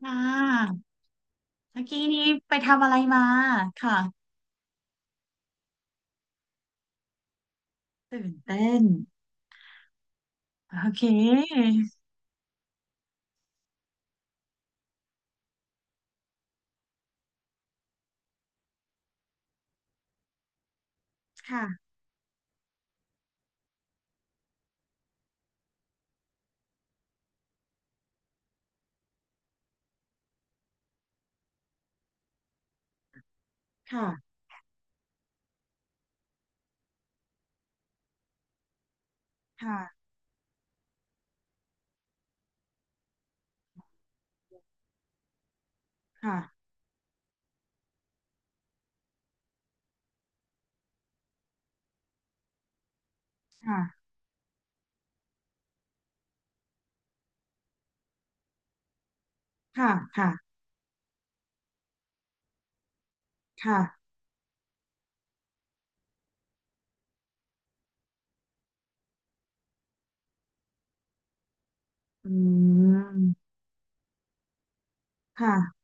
ค่ะเมื่อกี้นี้ไปทำอะไรมาค่ะตื่นเต้นโอเคค่ะค่ะค่ะค่ะค่ะค่ะค่ะค่ะอืมค่ะ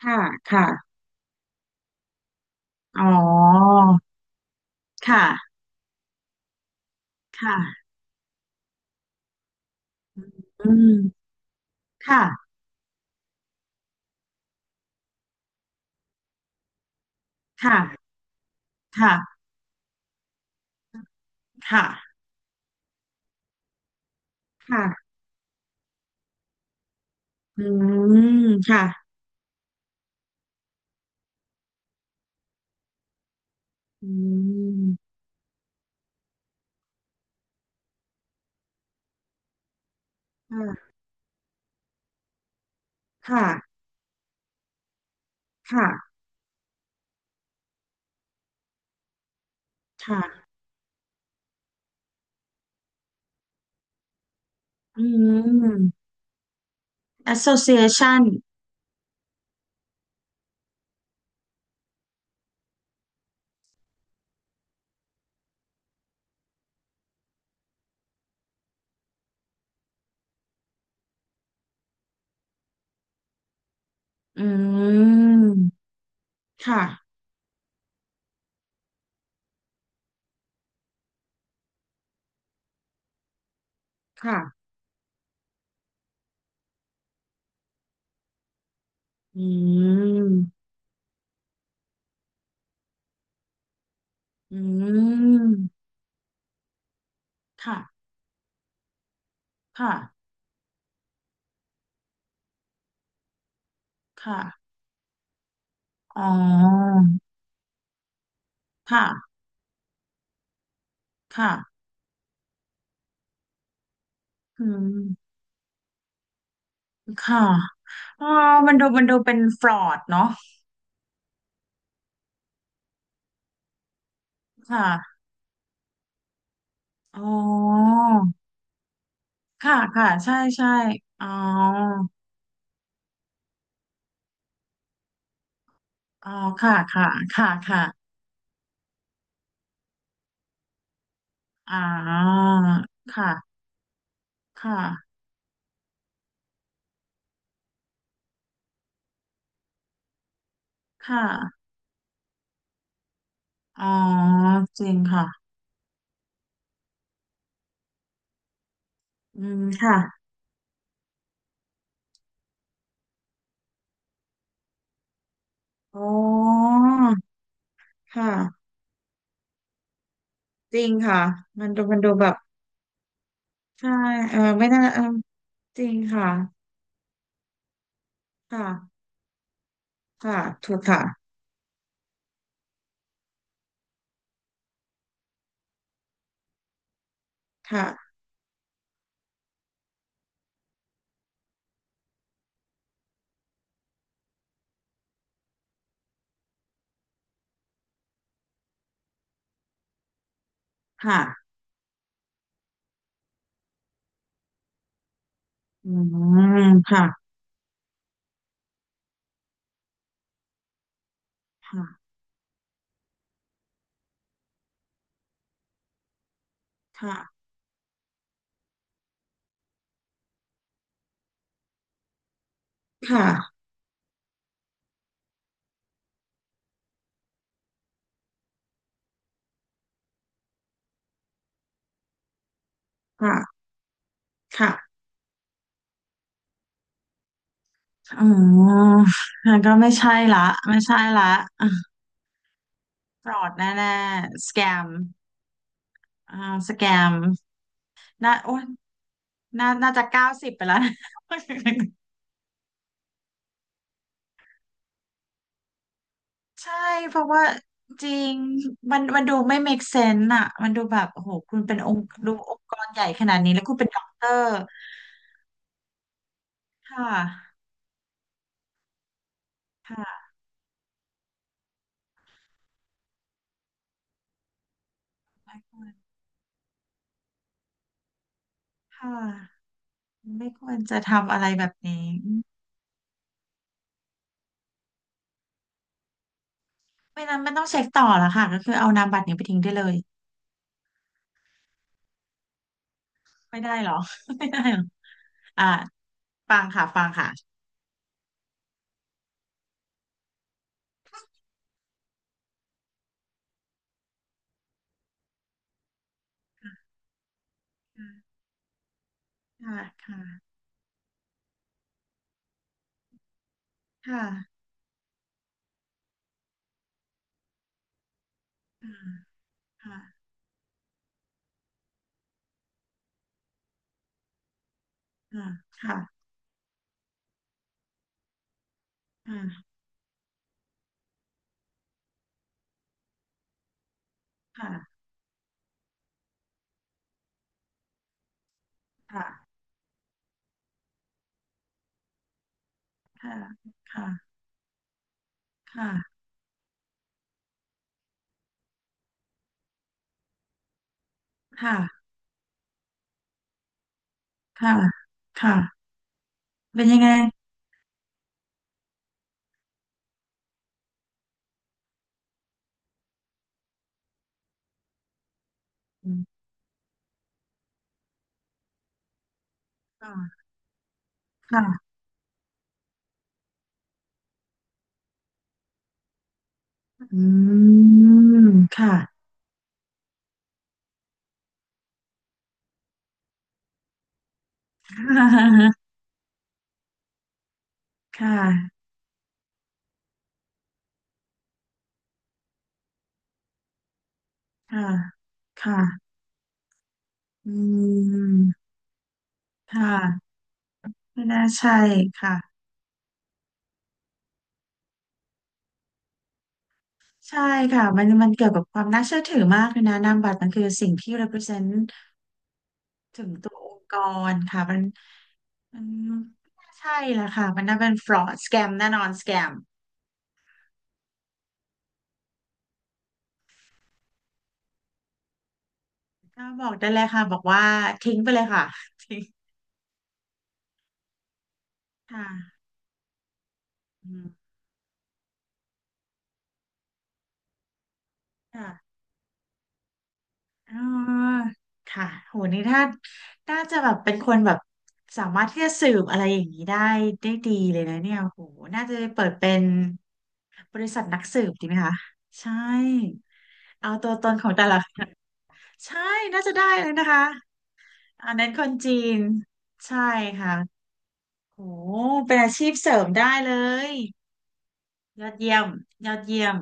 ค่ะค่ะอ๋อค่ะค่ะอืมค่ะค่ะค่ะค่ะค่ะอืมค่ะอืมค่ะค่ะค่ะค่ะอืม Association อืม ค่ะค่ะอืมอืมค่ะค่ะค่ะอ๋อค่ะค่ะอืมค่ะอ๋อมันดูมันดูเป็นฟรอดเนาะค่ะอ๋อค่ะค่ะใช่ ใช่อ๋ออ๋อค่ะค่ะค่ะค่ะอ่าค่ะค่ะค่ะอ๋อจริงค่ะอืมค่ะอ๋อค่ะ จริงค่ะมันดูมันดูแบบใช่เออไม่น่าเออจริงค่ะค่ะค่ะถูกค่ะค่ะค่ะอืมค่ะค่ะค่ะค่ะค่ะค่ะอืมมันก็ไม่ใช่ละไม่ใช่ละปลอดแน่ๆสแกมอ่าสแกมน่าโอ้ยน่าน่าจะเก้าสิบไปแล้วนะ ใช่เพราะว่าจริงมันมันดูไม่ make sense อะมันดูแบบโอ้โหคุณเป็นองค์ดูองค์กรใหญ่ขนาดนี้แล้วคุณเป็นด็อกเตอร์ค่ะค่ะไม่ควรค่ะไม่ควรจะทำอะไรแบบนี้อืมไม่นั้นมันต้องเช็คต่อและค่ะก็คือเอานามบัตรเนี่ยไปทิ้งได้เลยไม่ได้เหรอ ไม่ได้เหรออ่าฟังค่ะฟังค่ะค่ะค่ะค่ะค่ะค่ะค่ะค่ะค่ะค่ะค่ะค่ะค่ะค่ะค่ะค่ะ เป็นยังไงอืมค่ะค่ะอืมค่ะ ค่ะ ค่ะ ค่ะอืมค่ะไม่น่าใช่ค่ะ ใช่ค่ะ มันมันเกี่ยวกับความน่าเชื่อถือมากเลยนะนามบัตรมันคือสิ่งที่ represent ถึงตัวองค์กรค่ะมันไม่น่าใช่ละค่ะ มันน่าเป็น fraud scam แน่นอน scam ก็บอกได้เลยค่ะ บอกว่าทิ้งไปเลยค่ะทิ้งค่ะอืมค่ะ อ่าค่ะโหนี่ถ้า น่าจะแบบเป็นคนแบบสามารถที่จะสืบอะไรอย่างนี้ได้ได้ดีเลยนะเนี่ยโหน่าจะเปิดเป็นบริษัทนักสืบดีไหมคะใช่เอาตัวตนของแต่ละคนใช่น่าจะได้เลยนะคะอันนั้นคนจีนใช่ค่ะโหเป็นอาชีพเสริมได้เลยยอดเยี่ยมยอดเยี่ยม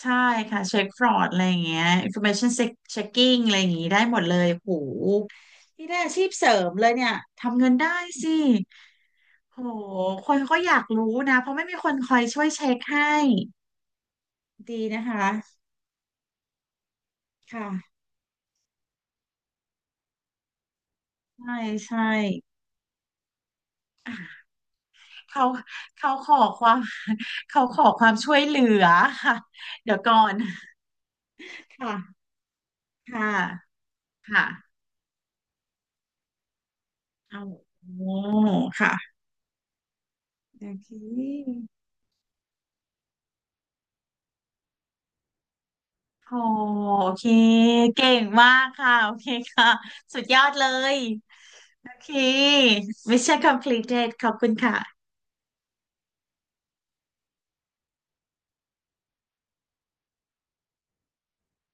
ใช่ค่ะเช็คฟรอดอะไรอย่างเงี้ย information check- checking อะไรอย่างงี้ได้หมดเลยโหนี่ได้อาชีพเสริมเลยเนี่ยทำเงินได้สิโหคนก็อยากรู้นะเพราะไม่มีคนคอยช่วยเช็คให้ดีนะคะค่ะใช่ใช่อ่ะเขาเขาขอความ เขาขอความช่วยเหลือค่ะเดี๋ยวก่อนค่ะค่ะค่ะเอาโอ้ค่ะโอเค โอ้โอเคเก่งมากค่ะโอเคค่ะสุดยอดเลยโอเค Mission completed ขอบคุณค่ะ